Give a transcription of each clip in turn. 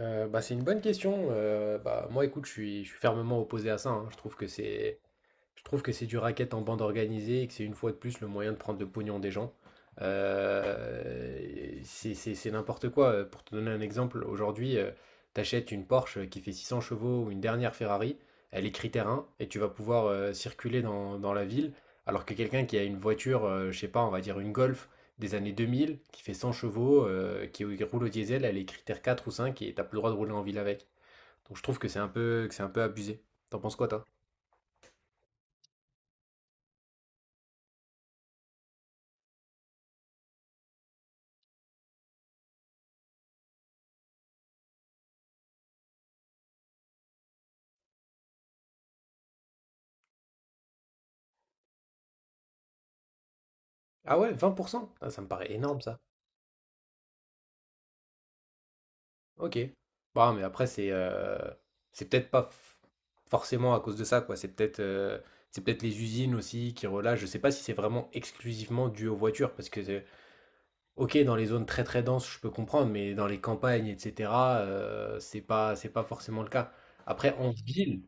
C'est une bonne question. Moi, écoute, je suis fermement opposé à ça, hein. Je trouve que c'est du racket en bande organisée et que c'est une fois de plus le moyen de prendre le pognon des gens. Euh, c'est n'importe quoi. Pour te donner un exemple, aujourd'hui, t'achètes une Porsche qui fait 600 chevaux ou une dernière Ferrari. Elle est critère 1 et tu vas pouvoir circuler dans la ville, alors que quelqu'un qui a une voiture, je sais pas, on va dire une Golf des années 2000, qui fait 100 chevaux, qui roule au diesel. Elle est critère 4 ou 5 et t'as plus le droit de rouler en ville avec. Donc je trouve que c'est un peu, que c'est un peu abusé. T'en penses quoi, toi? Ah ouais, 20%? Ah, ça me paraît énorme, ça. Ok. Bon, mais après, c'est peut-être pas forcément à cause de ça, quoi. C'est peut-être les usines aussi qui relâchent. Je sais pas si c'est vraiment exclusivement dû aux voitures, parce que, ok, dans les zones très très denses, je peux comprendre, mais dans les campagnes, etc., c'est pas forcément le cas. Après, en ville,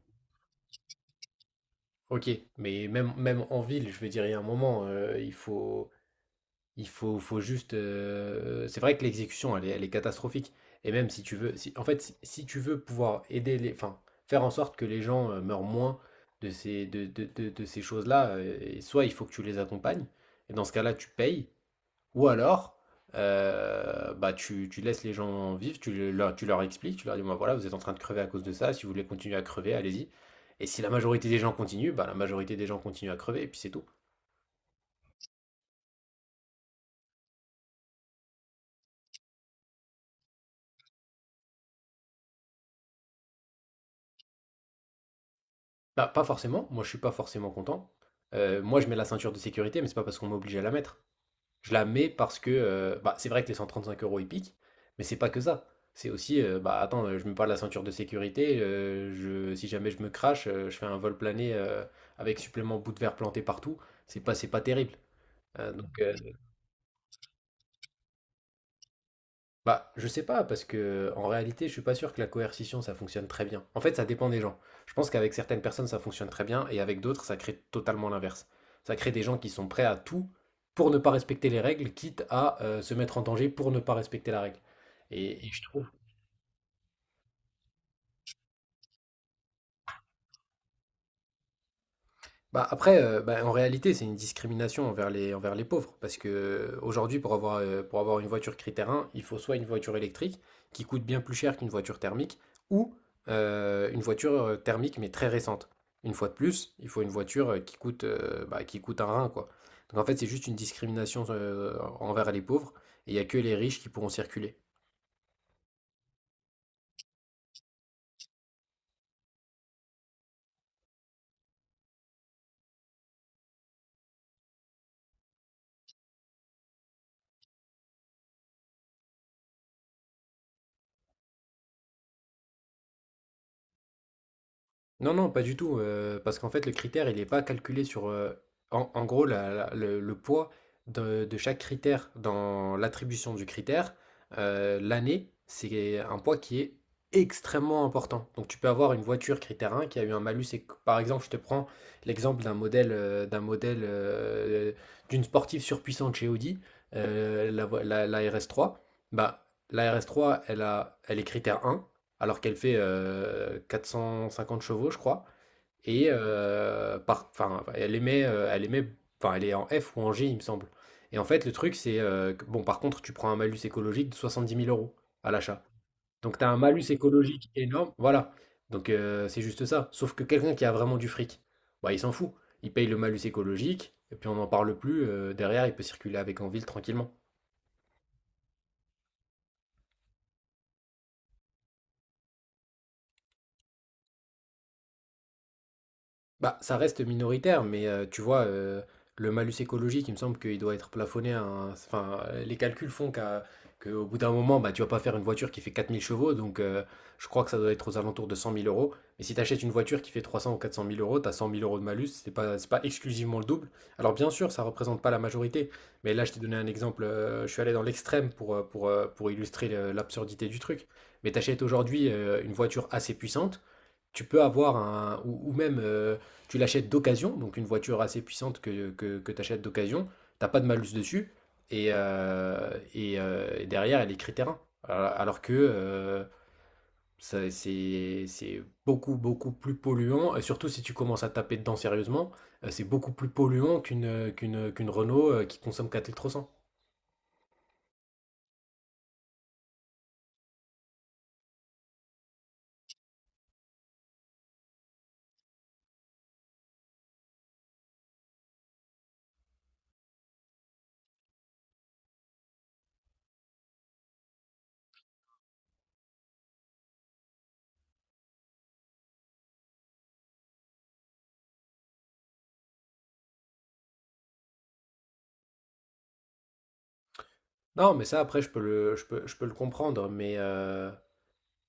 ok, mais même en ville, je veux dire, il y a un moment, il faut. Il faut, faut juste. C'est vrai que l'exécution, elle est catastrophique. Et même si tu veux pouvoir aider les, enfin, faire en sorte que les gens meurent moins de ces choses-là, et soit il faut que tu les accompagnes, et dans ce cas-là, tu payes. Ou alors, tu laisses les gens vivre, tu leur expliques, tu leur dis, voilà, vous êtes en train de crever à cause de ça. Si vous voulez continuer à crever, allez-y. Et si la majorité des gens continuent, bah, la majorité des gens continuent à crever, et puis c'est tout. Bah, pas forcément. Moi, je suis pas forcément content. Moi, je mets la ceinture de sécurité, mais c'est pas parce qu'on m'oblige à la mettre. Je la mets parce que, c'est vrai que les 135 euros, ils piquent, mais c'est pas que ça. C'est aussi, attends, je mets pas la ceinture de sécurité. Si jamais je me crache, je fais un vol plané, avec supplément bout de verre planté partout. C'est pas terrible. Euh, donc, euh, je sais pas, parce que en réalité, je suis pas sûr que la coercition, ça fonctionne très bien. En fait, ça dépend des gens. Je pense qu'avec certaines personnes, ça fonctionne très bien, et avec d'autres, ça crée totalement l'inverse. Ça crée des gens qui sont prêts à tout pour ne pas respecter les règles, quitte à se mettre en danger pour ne pas respecter la règle. Et je trouve. Bah après, en réalité, c'est une discrimination envers les pauvres. Parce que aujourd'hui, pour avoir une voiture critère 1, il faut soit une voiture électrique qui coûte bien plus cher qu'une voiture thermique, ou une voiture thermique, mais très récente. Une fois de plus, il faut une voiture qui coûte, qui coûte un rein, quoi. Donc en fait, c'est juste une discrimination envers les pauvres, et il n'y a que les riches qui pourront circuler. Non, non, pas du tout. Parce qu'en fait, le critère, il n'est pas calculé sur... en gros, la la le poids de chaque critère dans l'attribution du critère, l'année, c'est un poids qui est extrêmement important. Donc tu peux avoir une voiture critère 1 qui a eu un malus éc Par exemple, je te prends l'exemple d'un modèle, d'une sportive surpuissante chez Audi, la RS3. Bah, la RS3, elle est critère 1 alors qu'elle fait 450 chevaux, je crois. Enfin, enfin, elle est en F ou en G, il me semble. Et en fait, le truc, c'est bon, par contre, tu prends un malus écologique de 70 000 euros à l'achat. Donc, tu as un malus écologique énorme, voilà. Donc, c'est juste ça. Sauf que quelqu'un qui a vraiment du fric, bah, il s'en fout. Il paye le malus écologique, et puis on n'en parle plus. Derrière, il peut circuler avec en ville tranquillement. Bah, ça reste minoritaire, mais tu vois, le malus écologique, il me semble qu'il doit être plafonné Enfin, les calculs font qu'au bout d'un moment, bah, tu vas pas faire une voiture qui fait 4000 chevaux. Donc je crois que ça doit être aux alentours de 100 000 euros. Mais si tu achètes une voiture qui fait 300 ou 400 mille euros, tu as 100 000 euros de malus. C'est pas exclusivement le double. Alors bien sûr, ça représente pas la majorité, mais là, je t'ai donné un exemple. Je suis allé dans l'extrême pour, pour illustrer l'absurdité du truc. Mais tu achètes aujourd'hui une voiture assez puissante, tu peux avoir un, ou même tu l'achètes d'occasion. Donc une voiture assez puissante que tu achètes d'occasion, t'as pas de malus dessus. Et derrière, elle est critère... Alors que c'est beaucoup, beaucoup plus polluant. Et surtout si tu commences à taper dedans sérieusement, c'est beaucoup plus polluant qu'une Renault qui consomme 4 litres au 100. Non, mais ça, après, je peux le comprendre, mais,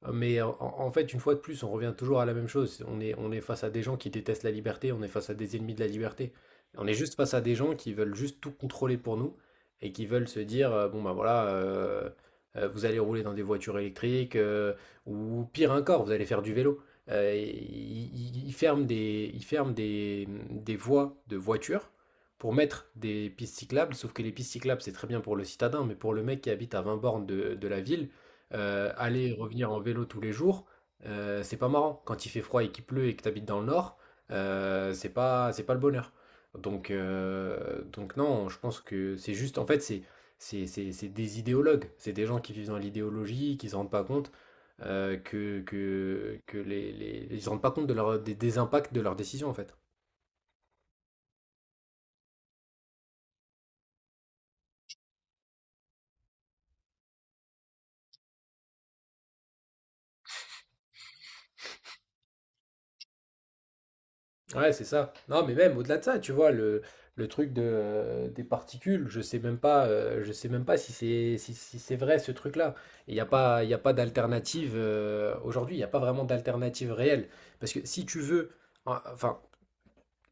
hein. Mais en fait, une fois de plus, on revient toujours à la même chose. On est face à des gens qui détestent la liberté, on est face à des ennemis de la liberté. On est juste face à des gens qui veulent juste tout contrôler pour nous et qui veulent se dire, bon ben voilà, vous allez rouler dans des voitures électriques, ou pire encore, vous allez faire du vélo. Ils ferment des, des voies de voitures pour mettre des pistes cyclables. Sauf que les pistes cyclables, c'est très bien pour le citadin, mais pour le mec qui habite à 20 bornes de la ville, aller et revenir en vélo tous les jours, c'est pas marrant. Quand il fait froid et qu'il pleut et que tu habites dans le nord, c'est pas le bonheur. Donc non, je pense que c'est juste, en fait, c'est des idéologues, c'est des gens qui vivent dans l'idéologie, qui se rendent pas compte ils se rendent pas compte de des impacts de leurs décisions, en fait. Ouais, c'est ça. Non, mais même au-delà de ça, tu vois, le truc des particules, je sais même pas, je sais même pas si c'est vrai ce truc-là. Il y a pas d'alternative aujourd'hui, il n'y a pas vraiment d'alternative réelle. Parce que si tu veux, en- enfin,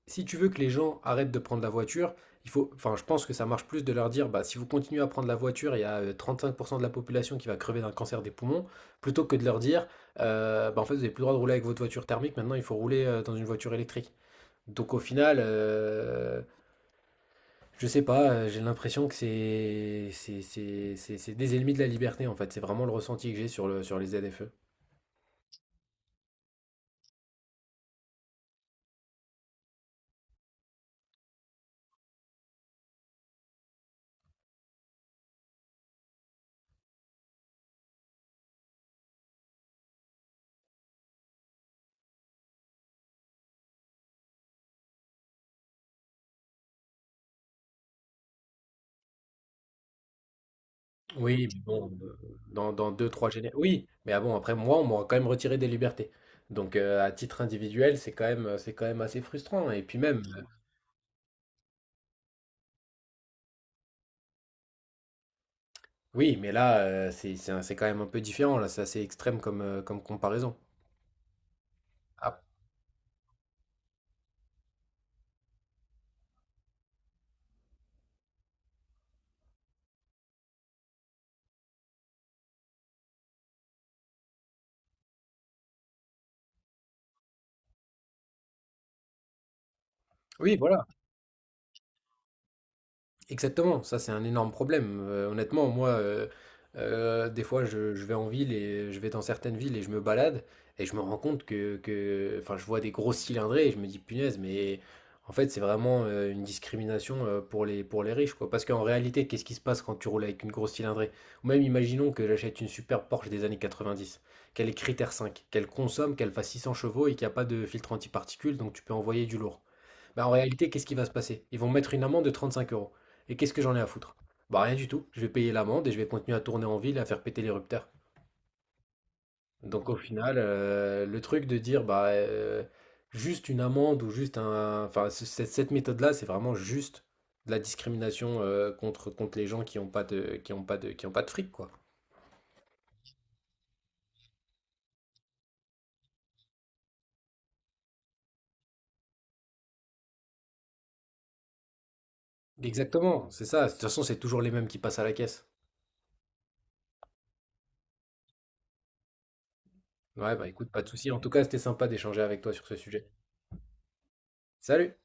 si tu veux que les gens arrêtent de prendre la voiture, enfin, je pense que ça marche plus de leur dire, bah, si vous continuez à prendre la voiture, il y a 35% de la population qui va crever d'un cancer des poumons, plutôt que de leur dire, en fait, vous n'avez plus le droit de rouler avec votre voiture thermique. Maintenant il faut rouler dans une voiture électrique. Donc au final, je sais pas, j'ai l'impression que c'est des ennemis de la liberté, en fait. C'est vraiment le ressenti que j'ai sur les ZFE. Oui, mais bon, dans deux, trois générations. Oui, mais ah bon, après moi, on m'aura quand même retiré des libertés. Donc à titre individuel, c'est quand même assez frustrant. Et puis même, oui, mais là, c'est quand même un peu différent. Là, c'est assez extrême comme comparaison. Ah, oui, voilà. Exactement, ça c'est un énorme problème. Honnêtement, moi, des fois, je vais en ville et je vais dans certaines villes et je me balade et je me rends compte enfin, je vois des grosses cylindrées et je me dis punaise, mais en fait, c'est vraiment une discrimination pour les riches, quoi. Parce qu'en réalité, qu'est-ce qui se passe quand tu roules avec une grosse cylindrée? Ou même imaginons que j'achète une super Porsche des années 90, qu'elle est critère 5, qu'elle consomme, qu'elle fasse 600 chevaux et qu'il n'y a pas de filtre antiparticules. Donc tu peux envoyer du lourd. Bah, en réalité, qu'est-ce qui va se passer? Ils vont mettre une amende de 35 euros. Et qu'est-ce que j'en ai à foutre? Bah rien du tout. Je vais payer l'amende et je vais continuer à tourner en ville et à faire péter l'érupteur. Donc au final, le truc de dire juste une amende ou juste un, enfin cette méthode-là, c'est vraiment juste de la discrimination contre les gens qui ont pas de qui ont pas de qui ont pas de fric, quoi. Exactement, c'est ça. De toute façon, c'est toujours les mêmes qui passent à la caisse. Ouais, bah écoute, pas de souci. En tout cas, c'était sympa d'échanger avec toi sur ce sujet. Salut!